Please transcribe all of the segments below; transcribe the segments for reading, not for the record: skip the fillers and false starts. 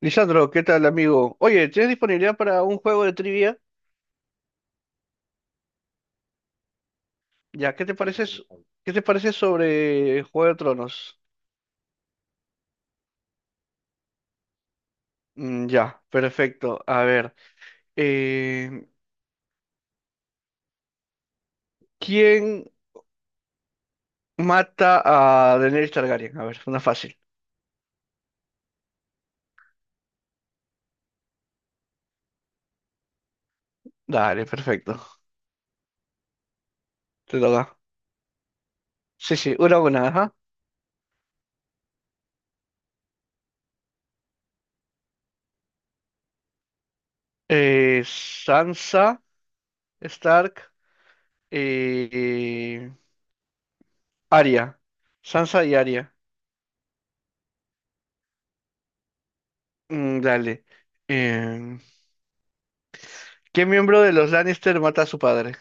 Lisandro, ¿qué tal, amigo? Oye, ¿tienes disponibilidad para un juego de trivia? Ya, ¿qué te Sí, parece, sí, s- ¿Qué te parece sobre Juego de Tronos? Ya, Perfecto. A ver, eh, ¿quién mata a Daenerys Targaryen? A ver, una fácil. Dale, perfecto. Te toca. Sí, sí, una a una, ajá. Sansa, Stark, eh, Arya. Sansa y Arya. Mm, dale. Em, ¿Qué miembro de los Lannister mata a su padre?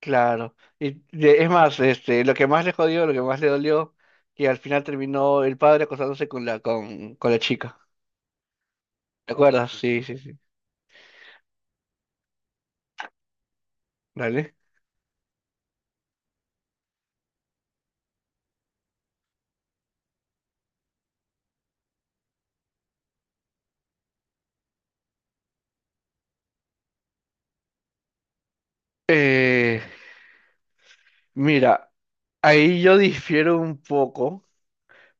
Claro. Y es más, este, lo que más le jodió, lo que más le dolió, que al final terminó el padre acostándose con la chica. ¿Te acuerdas? Sí, sí, sí. Dale. Eh, mira, ahí yo difiero un poco,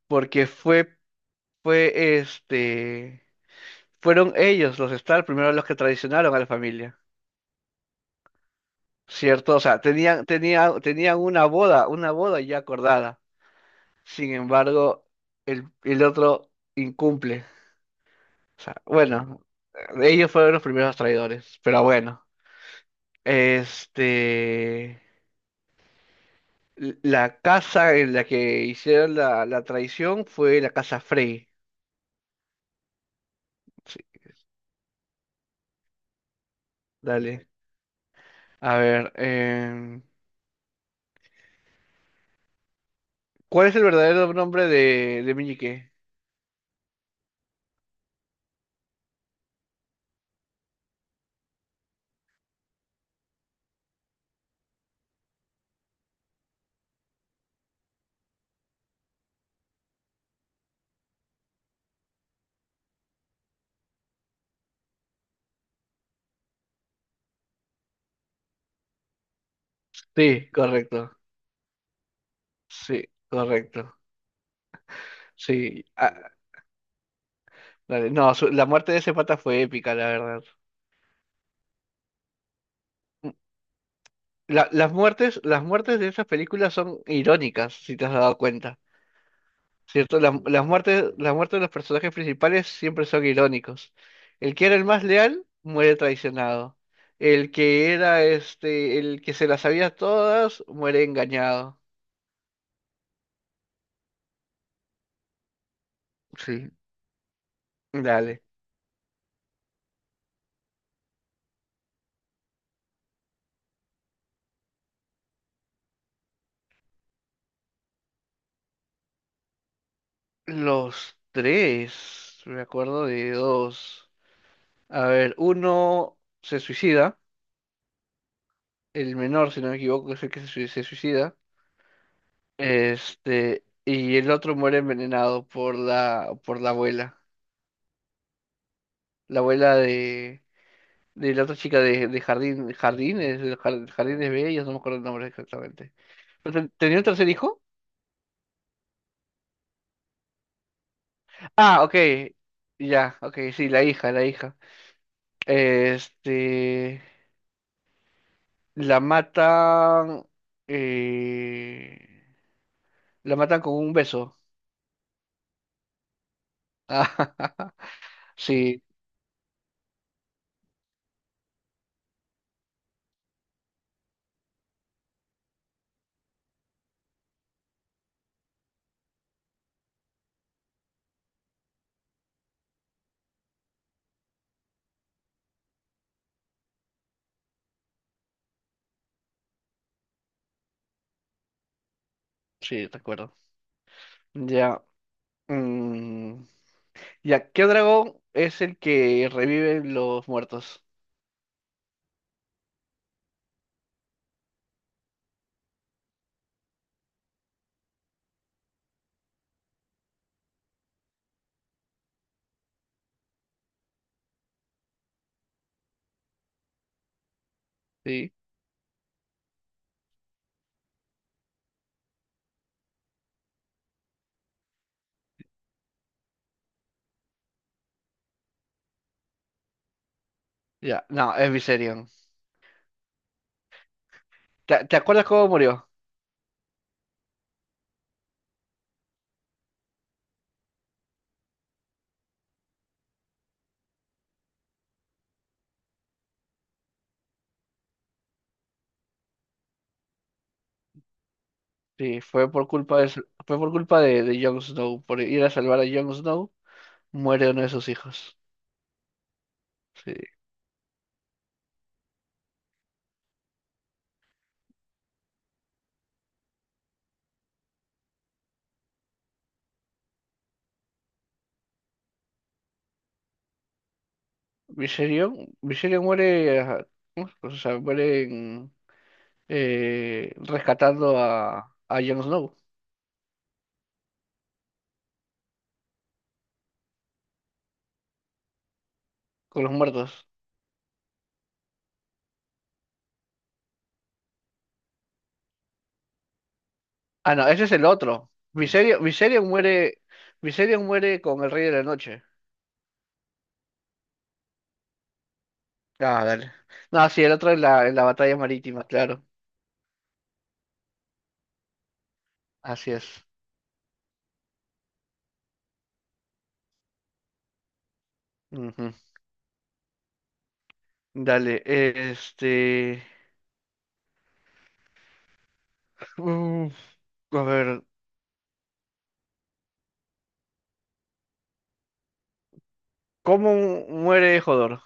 porque fue este, fueron ellos los Star primero los que traicionaron a la familia, ¿cierto? O sea, tenían una boda ya acordada. Sin embargo, el otro incumple. O sea, bueno, ellos fueron los primeros traidores, pero bueno, este, la casa en la que hicieron la traición fue la casa Frey. Sí, dale. A ver, em, ¿cuál es el verdadero nombre de Meñique? Sí, correcto. Sí, correcto. Sí, ah, dale. No, la muerte de ese pata fue épica, la verdad. Mm, La- las muertes de esas películas son irónicas, si te has dado cuenta. ¿Cierto? Las muertes de los personajes principales siempre son irónicos. El que era el más leal muere traicionado. El que era este, el que se las sabía todas muere engañado. Sí, dale. Los tres, me acuerdo de dos. A ver, uno se suicida, el menor, si no me equivoco, es el que se suicida. Este, y el otro muere envenenado por por la abuela. La abuela de la otra chica de jardín, jardines, de jardines bellos, no me acuerdo el nombre exactamente. Pero ¿tenía un tercer hijo? Ah, ok, ya, ok, sí, la hija, la hija. Este, la matan, eh, la matan con un beso. Sí, sí, recuerdo. Ya, mm, ya, ¿qué dragón es el que revive los muertos? Sí, ya, no, es Viserion. ¿Te acuerdas cómo murió? Sí, fue por culpa fue por culpa de Jon Snow, por ir a salvar a Jon Snow, muere uno de sus hijos. Sí. Viserion, Viserion muere, ajá, o sea, muere rescatando a Jon Snow con los muertos. Ah, no, ese es el otro. Viserion, Viserion muere con el Rey de la Noche. Ah, dale. No, sí, el otro en en la batalla marítima, claro. Así es. Ujú. Dale, este... Uf, a ver. ¿Cómo muere Jodor?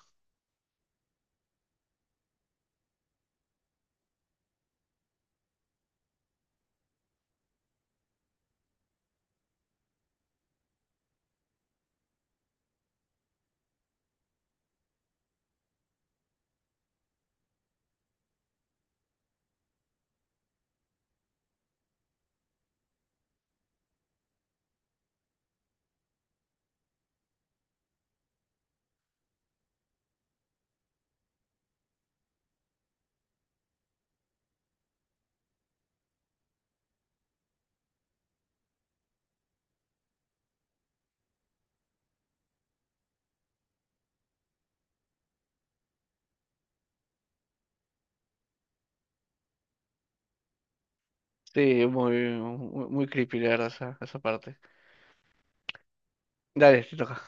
Sí, muy, muy, muy creepy, la verdad, esa parte. Dale, te toca.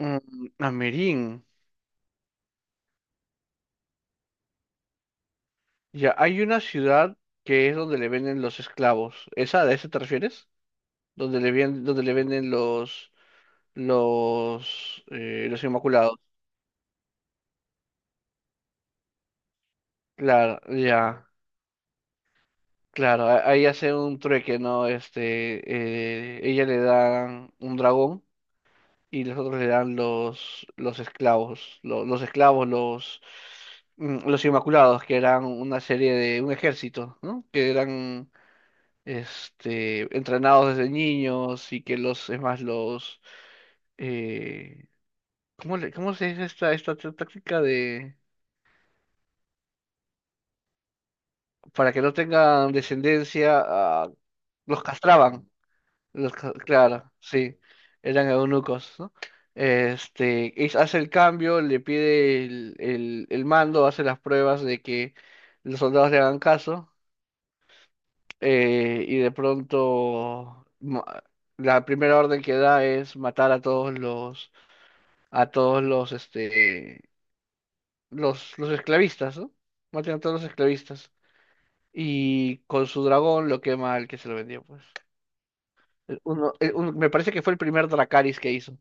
Mm, Amerin. Ya, hay una ciudad que es donde le venden los esclavos. ¿Esa, a esa te refieres? Donde le, donde le venden los inmaculados. Claro, ya, claro. Ahí hace un trueque, ¿no? Este, ella le da un dragón y los otros eran los esclavos, los, esclavos, los, mm, los Inmaculados, que eran una serie de un ejército, ¿no? Que eran este, entrenados desde niños y que los, es más, los, eh, ¿cómo cómo se dice esta, esta táctica de, para que no tengan descendencia, ah, los castraban. Los claro, sí, eran eunucos, ¿no? Este, hace el cambio, le pide el mando, hace las pruebas de que los soldados le hagan caso, y de pronto la primera orden que da es matar a todos los, este, los esclavistas, ¿no? Maten a todos los esclavistas. Y con su dragón lo quema el que se lo vendió, pues. Me parece que fue el primer Dracarys que hizo.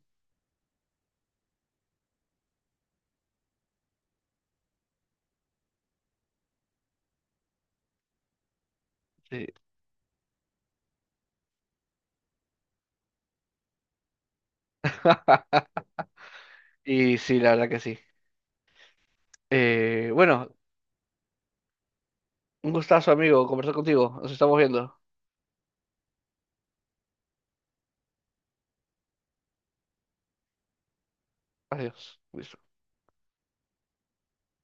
Sí. Y sí, la verdad que sí. Bueno, un gustazo, amigo, conversar contigo. Nos estamos viendo. Adiós. Luis.